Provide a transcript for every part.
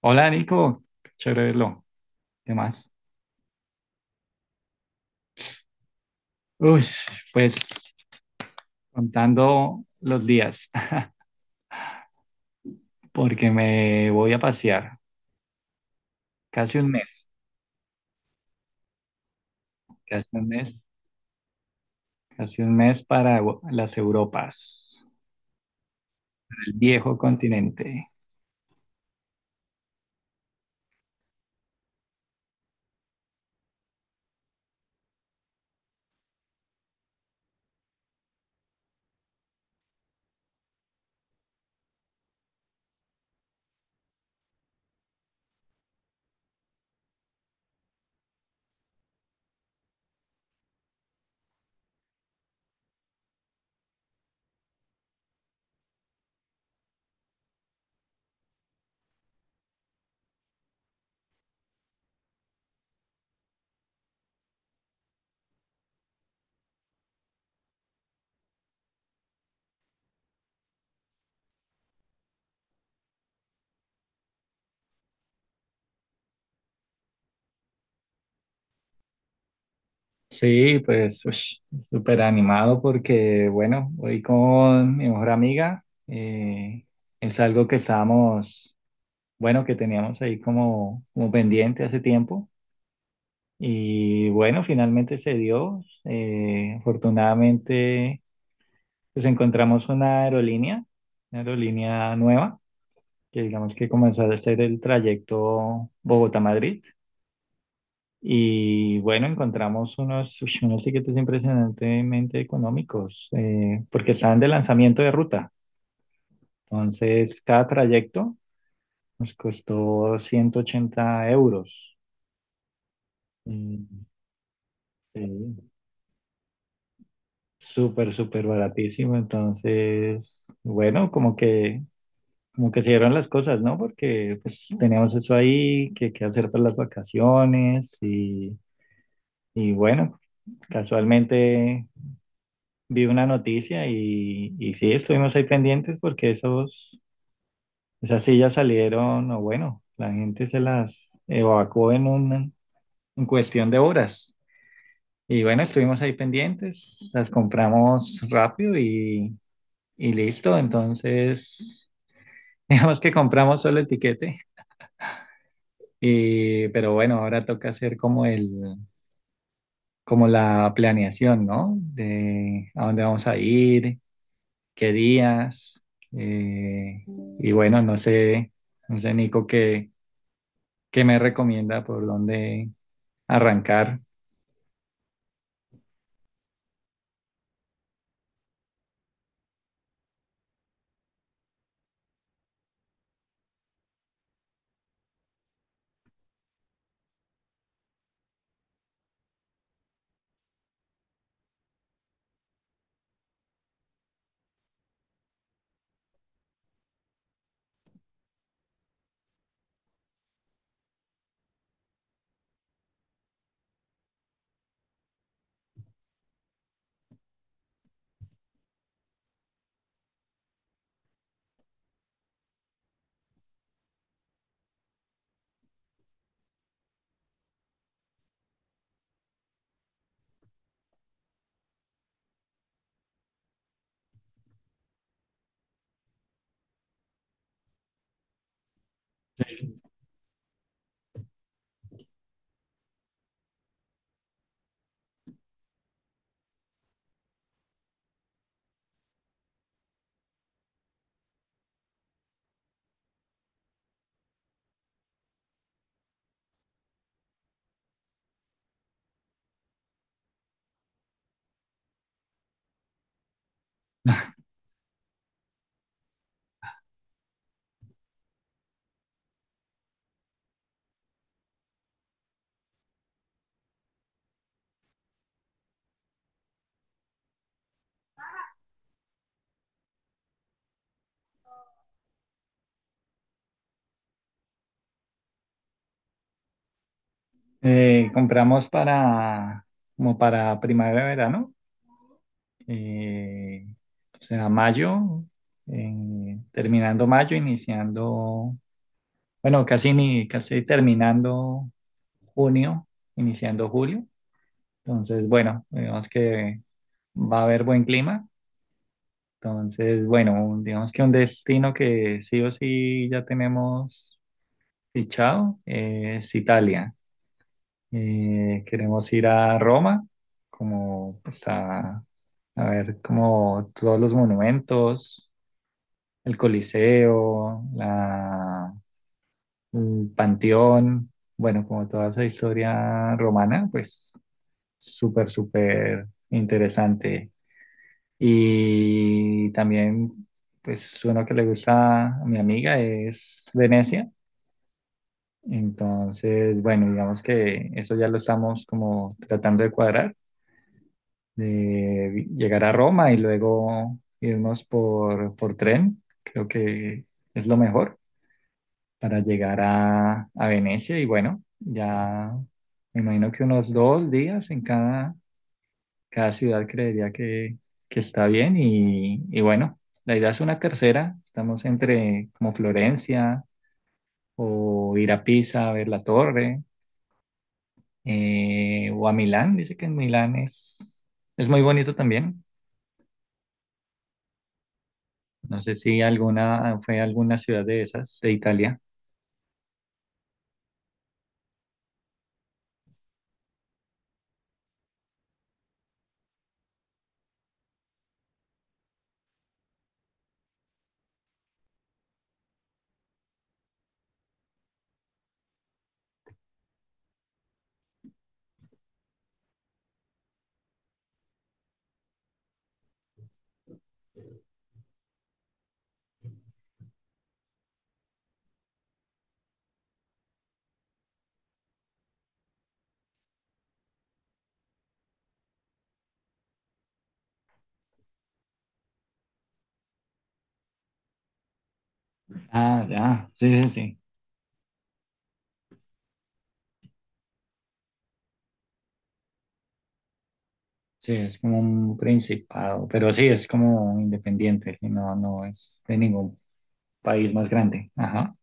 Hola Nico, chévere verlo. ¿Qué más? Uy, pues contando los días, porque me voy a pasear casi un mes, casi un mes, casi un mes para las Europas, el viejo continente. Sí, pues súper animado porque, bueno, voy con mi mejor amiga. Es algo que estábamos, bueno, que teníamos ahí como pendiente hace tiempo. Y bueno, finalmente se dio. Afortunadamente, pues encontramos una aerolínea nueva, que digamos que comenzó a hacer el trayecto Bogotá-Madrid. Y bueno, encontramos unos, uy, unos tiquetes impresionantemente económicos, porque estaban de lanzamiento de ruta. Entonces, cada trayecto nos costó 180 euros. Mm, sí, súper, súper baratísimo. Entonces, bueno, como que se dieron las cosas, ¿no? Porque pues teníamos eso ahí, que hacer para las vacaciones y bueno, casualmente vi una noticia y sí, estuvimos ahí pendientes porque esas sillas salieron, o bueno, la gente se las evacuó en cuestión de horas. Y bueno, estuvimos ahí pendientes, las compramos rápido. Y listo, entonces, digamos que compramos solo el tiquete, y, pero bueno, ahora toca hacer como la planeación, ¿no? De a dónde vamos a ir, qué días, eh, y bueno, no sé, no sé, Nico, qué me recomienda por dónde arrancar. Compramos para, como para primavera, verano. eh, o mayo, terminando mayo, iniciando, bueno, casi, ni, casi terminando junio, iniciando julio. Entonces, bueno, digamos que va a haber buen clima. Entonces, bueno, digamos que un destino que sí o sí ya tenemos fichado es Italia. Queremos ir a Roma, como pues, a, a ver como todos los monumentos, el Coliseo, el Panteón, bueno, como toda esa historia romana, pues súper, súper interesante. Y también, pues uno que le gusta a mi amiga es Venecia. Entonces, bueno, digamos que eso ya lo estamos como tratando de cuadrar, de llegar a Roma y luego irnos por tren. Creo que es lo mejor para llegar a Venecia y bueno, ya me imagino que unos dos días en cada ciudad creería que está bien y bueno, la idea es una tercera, estamos entre como Florencia o ir a Pisa a ver la torre o a Milán, dice que en Milán es muy bonito también. No sé si alguna fue alguna ciudad de esas de Italia. Ah, ya, sí, sí, sí. Sí, es como un principado, pero sí, es como independiente, sí, no, no es de ningún país más grande. Ajá.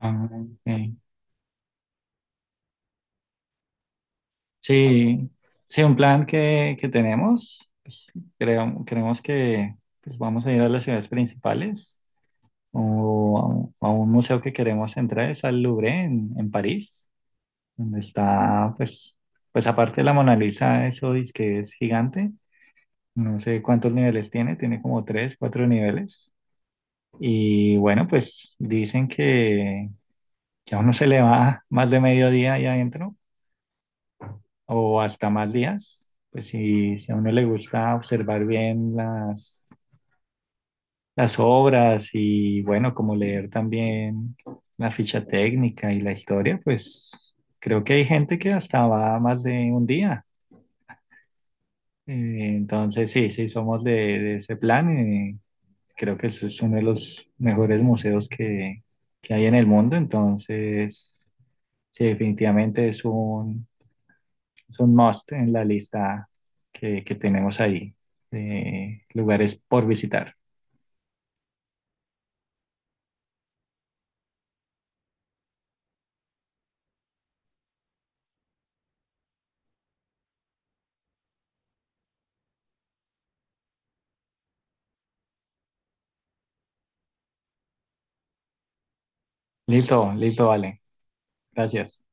Ah, ok. Sí, sí, un plan que tenemos, pues, creo, creemos que pues, vamos a ir a las ciudades principales o a un museo que queremos entrar, es al Louvre en París, donde está, pues, pues aparte de la Mona Lisa, eso dice que es gigante, no sé cuántos niveles tiene, tiene como tres, cuatro niveles. Y bueno, pues dicen que a uno se le va más de mediodía ahí adentro o hasta más días. Pues si, si a uno le gusta observar bien las obras y bueno, como leer también la ficha técnica y la historia, pues creo que hay gente que hasta va más de un día. Entonces sí, sí somos de ese plan. Creo que es uno de los mejores museos que hay en el mundo, entonces sí, definitivamente es un must en la lista que tenemos ahí de lugares por visitar. Listo, listo, vale. Gracias.